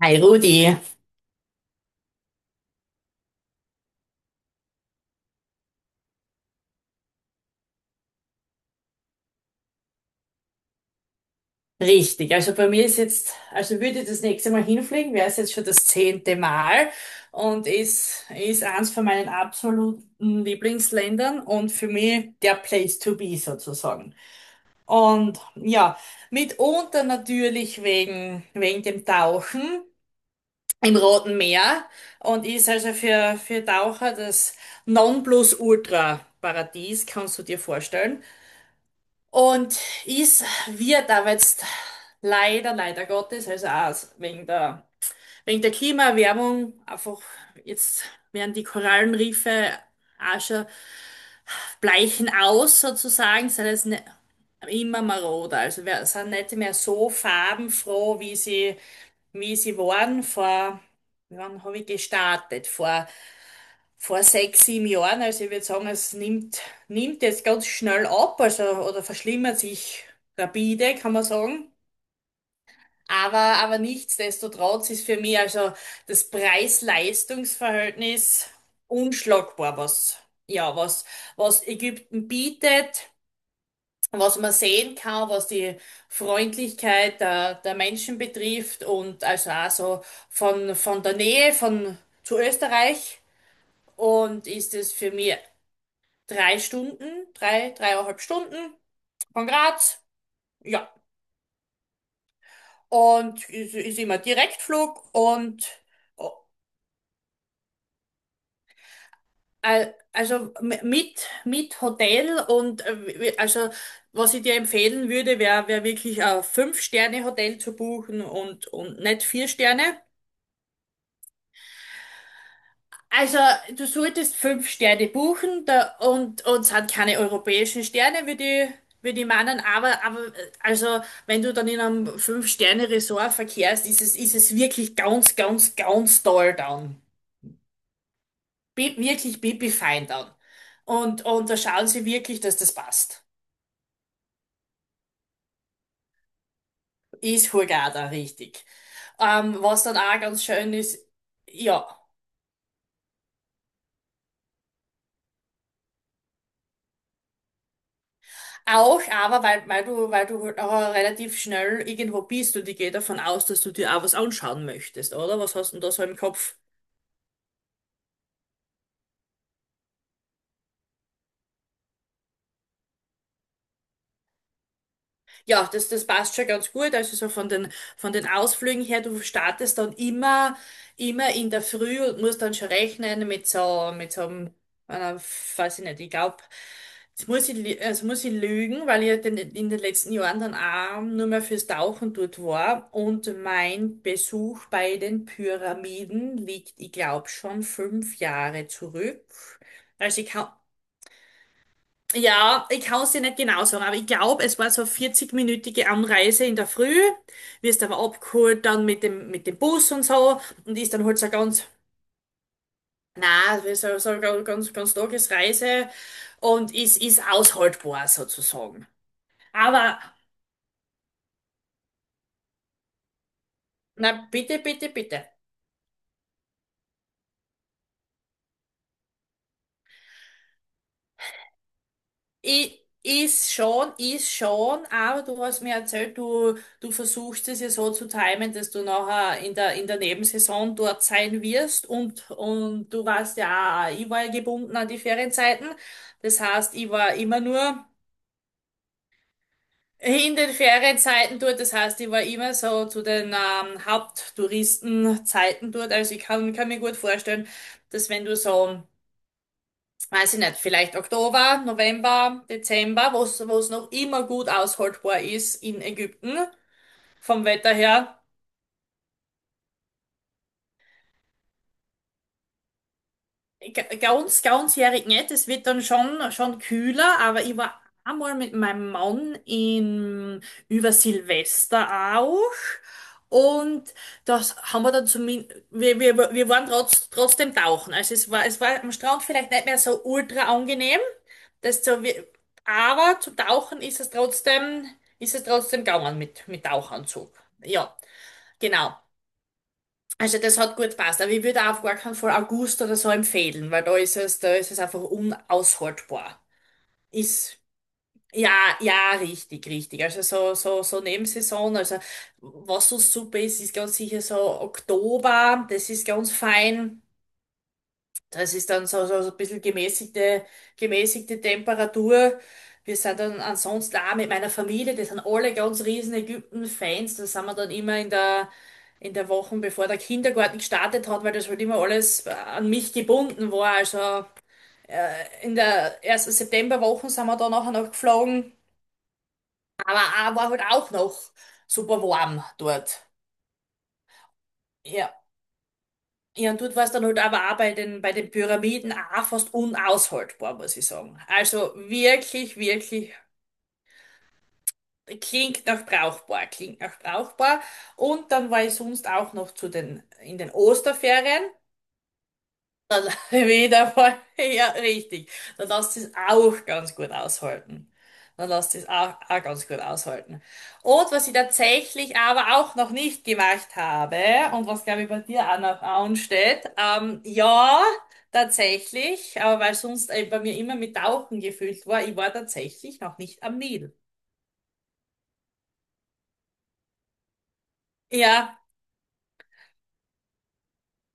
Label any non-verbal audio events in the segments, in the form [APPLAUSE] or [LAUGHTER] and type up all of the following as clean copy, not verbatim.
Hi Rudi, richtig. Also bei mir ist jetzt, also würde ich das nächste Mal hinfliegen, wäre es jetzt schon das zehnte Mal und ist eins von meinen absoluten Lieblingsländern und für mich der Place to be sozusagen. Und ja, mitunter natürlich wegen dem Tauchen im Roten Meer und ist also für Taucher das Nonplusultra-Paradies, kannst du dir vorstellen. Und es wird aber jetzt leider Gottes, also auch wegen der Klimaerwärmung, einfach jetzt werden die Korallenriffe auch schon bleichen aus sozusagen, sind jetzt ne, immer maroder. Also wir sind nicht mehr so farbenfroh, wie sie waren vor, wann habe ich gestartet? Vor sechs, sieben Jahren. Also ich würde sagen, nimmt jetzt ganz schnell ab, also oder verschlimmert sich rapide, kann man sagen. Aber nichtsdestotrotz ist für mich also das Preis-Leistungs-Verhältnis unschlagbar, ja, was, was Ägypten bietet, was man sehen kann, was die Freundlichkeit der Menschen betrifft und also auch so von der Nähe von zu Österreich und ist es für mich drei Stunden, dreieinhalb Stunden von Graz. Ja. Und ist immer Direktflug und mit Hotel und also was ich dir empfehlen würde, wäre wär wär wirklich ein Fünf-Sterne-Hotel zu buchen und nicht vier Sterne. Also, du solltest fünf Sterne buchen da, und uns sind keine europäischen Sterne, wie die meinen, also, wenn du dann in einem Fünf-Sterne-Resort verkehrst, ist es wirklich ganz, ganz, ganz toll dann. Bi wirklich pipi-fein dann. Und da schauen sie wirklich, dass das passt. Ist Hurghada, richtig. Was dann auch ganz schön ist, ja. Auch, aber weil du halt auch relativ schnell irgendwo bist und ich gehe davon aus, dass du dir auch was anschauen möchtest, oder? Was hast du denn da so im Kopf? Ja, das passt schon ganz gut. Also so von den Ausflügen her, du startest dann immer in der Früh und musst dann schon rechnen mit so einem, einer, weiß ich nicht, ich glaube, jetzt muss ich, lü- also muss ich lügen, weil ich ja den, in den letzten Jahren dann auch nur mehr fürs Tauchen dort war. Und mein Besuch bei den Pyramiden liegt, ich glaube, schon fünf Jahre zurück. Also ich kann es dir nicht genau sagen, aber ich glaube, es war so eine 40-minütige Anreise in der Früh, wirst aber abgeholt dann mit dem Bus und so und ist dann halt so ganz, na, also so, so ganz, ganz, ganz Tagesreise und ist aushaltbar sozusagen. Aber, na, bitte, bitte, bitte. Ist schon, aber du hast mir erzählt, du versuchst es ja so zu timen, dass du nachher in der Nebensaison dort sein wirst und du warst ja, auch- ich war ja gebunden an die Ferienzeiten. Das heißt, ich war immer nur in den Ferienzeiten dort. Das heißt, ich war immer so zu den Haupttouristenzeiten dort. Also kann mir gut vorstellen, dass wenn du so weiß ich nicht, vielleicht Oktober, November, Dezember, wo es noch immer gut aushaltbar ist in Ägypten vom Wetter her. Ga- Ganz, ganzjährig nicht. Es wird dann schon kühler, aber ich war einmal mit meinem Mann in, über Silvester auch. Und das haben wir dann zumindest, wir waren trotzdem tauchen. Also es war am Strand vielleicht nicht mehr so ultra angenehm. Das so, wie- aber zu tauchen ist es trotzdem gegangen mit Tauchanzug. Ja, genau. Also das hat gut gepasst, aber ich würde auch auf gar keinen Fall August oder so empfehlen, weil da ist es einfach unaushaltbar. Ist, ja, ja, richtig, richtig. Also so, so, so Nebensaison, also was so super ist, ist ganz sicher so Oktober, das ist ganz fein. Das ist dann so, so, so ein bisschen gemäßigte Temperatur. Wir sind dann ansonsten auch mit meiner Familie, die sind alle ganz riesen Ägypten-Fans. Da sind wir dann immer in der Woche, bevor der Kindergarten gestartet hat, weil das halt immer alles an mich gebunden war. Also in der ersten Septemberwoche sind wir dann nachher noch geflogen. Aber auch, war halt auch noch super warm dort. Ja, Ja, und dort war es dann halt aber auch bei den Pyramiden auch fast unaushaltbar, muss ich sagen. Also wirklich, wirklich, klingt nach brauchbar, klingt nach brauchbar. Und dann war ich sonst auch noch zu den, in den Osterferien. Dann [LAUGHS] wieder voll. Ja, richtig. Dann lässt es auch ganz gut aushalten. Dann lässt es auch, auch ganz gut aushalten. Und was ich tatsächlich aber auch noch nicht gemacht habe und was glaube ich bei dir auch noch ansteht, ja, tatsächlich, aber weil sonst bei mir immer mit Tauchen gefüllt war, ich war tatsächlich noch nicht am Nil. Ja,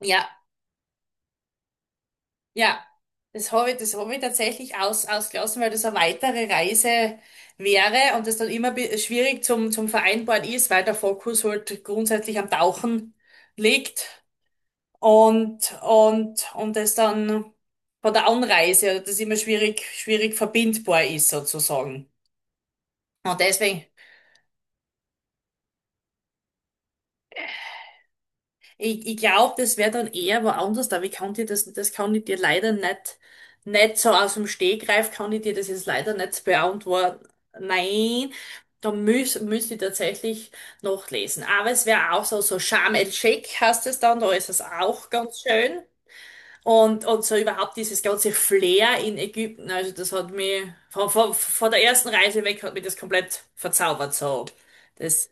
ja, ja, das habe ich tatsächlich ausgelassen, weil das eine weitere Reise wäre und das dann immer bi- schwierig zum Vereinbaren ist, weil der Fokus halt grundsätzlich am Tauchen liegt und das dann von der Anreise, also das immer schwierig verbindbar ist sozusagen. Und deswegen ich glaube, das wäre dann eher woanders, aber ich kann dir das, das kann ich dir leider nicht, nicht so aus dem Stegreif, kann ich dir das jetzt leider nicht beantworten. Nein, da müß, müsste ich tatsächlich noch lesen. Aber es wäre auch so, so Sharm el-Sheikh heißt es dann, da ist es auch ganz schön. Und so überhaupt dieses ganze Flair in Ägypten, also das hat mich, von der ersten Reise weg hat mich das komplett verzaubert, so. Das,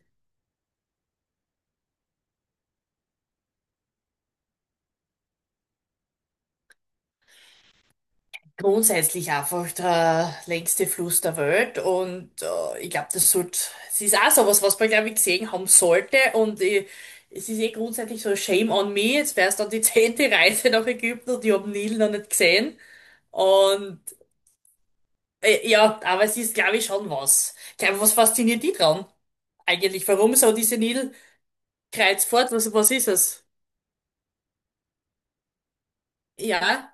grundsätzlich einfach der längste Fluss der Welt und ich glaube, das sollte, es ist auch sowas, was man, glaube ich, gesehen haben sollte und ich, es ist eh grundsätzlich so Shame on me, jetzt wäre es dann die [LAUGHS] zehnte Reise nach Ägypten und ich habe Nil noch nicht gesehen und ja, aber es ist, glaube ich, schon was. Ich glaube, was fasziniert die dran eigentlich? Warum so diese Nilkreuzfahrt? Was, was ist es? Ja,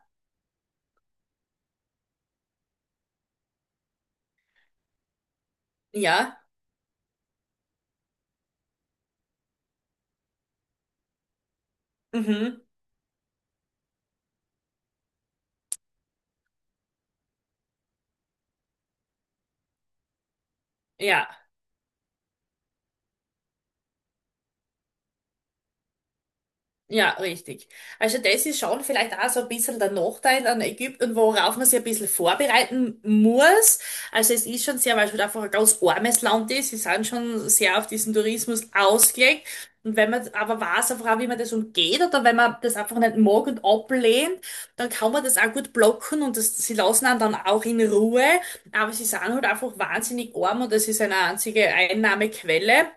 ja, mhm, ja. Ja, richtig. Also das ist schon vielleicht auch so ein bisschen der Nachteil an Ägypten, worauf man sich ein bisschen vorbereiten muss. Also es ist schon sehr, weil es halt einfach ein ganz armes Land ist. Sie sind schon sehr auf diesen Tourismus ausgelegt. Und wenn man aber weiß, einfach auch, wie man das umgeht oder wenn man das einfach nicht mag und ablehnt, dann kann man das auch gut blocken und das, sie lassen einen dann auch in Ruhe. Aber sie sind halt einfach wahnsinnig arm und das ist eine einzige Einnahmequelle.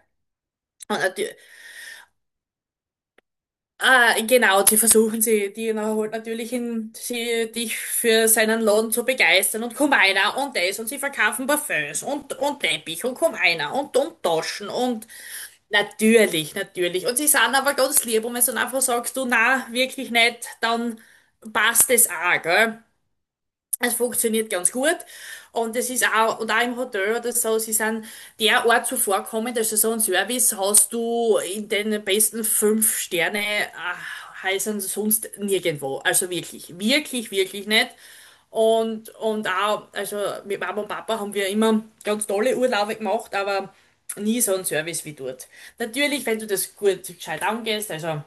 Ah, genau, die versuchen sie, die holt natürlich ihn, sie, dich für seinen Laden zu begeistern und komm einer und das und sie verkaufen Parfüms und Teppich und komm einer und Taschen und natürlich, natürlich. Und sie sind aber ganz lieb und wenn du dann einfach sagst, du, na, wirklich nicht, dann passt es auch, gell? Es funktioniert ganz gut und es ist auch, und auch im Hotel oder so, sie sind derart zuvorkommend, also so ein Service hast du in den besten fünf Sterne Häusern sonst nirgendwo. Also wirklich, wirklich, wirklich nicht. Und auch, also mit Mama und Papa haben wir immer ganz tolle Urlaube gemacht, aber nie so einen Service wie dort. Natürlich, wenn du das gut gescheit angehst, also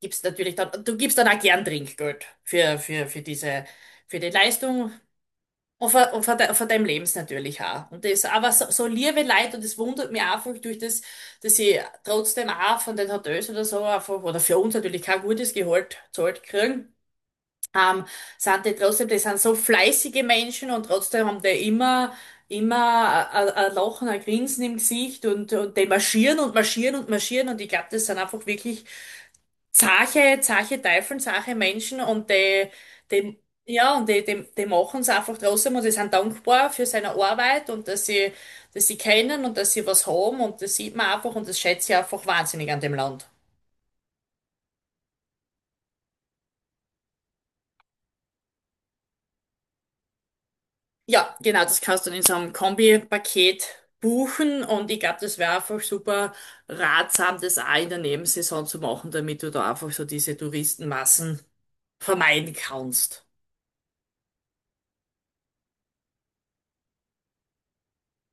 gibst natürlich dann, du gibst dann auch gern Trinkgeld für diese, für die Leistung. Von deinem Lebens natürlich auch. Und das, aber so, so liebe Leute, und das wundert mich einfach durch das, dass ich trotzdem auch von den Hotels oder so einfach, oder für uns natürlich kein gutes Gehalt zahlt kriegen, ähm, sind die trotzdem, die sind so fleißige Menschen und trotzdem haben die immer ein Lachen, ein Grinsen im Gesicht und die marschieren und marschieren und marschieren und ich glaube, das sind einfach wirklich zarte Teufel, zarte Menschen und die, ja, und die machen es einfach trotzdem und die sind dankbar für seine Arbeit und dass sie können und dass sie was haben und das sieht man einfach und das schätze ich einfach wahnsinnig an dem Land. Ja, genau, das kannst du in so einem Kombi-Paket buchen und ich glaube, das wäre einfach super ratsam, das auch in der Nebensaison zu machen, damit du da einfach so diese Touristenmassen vermeiden kannst.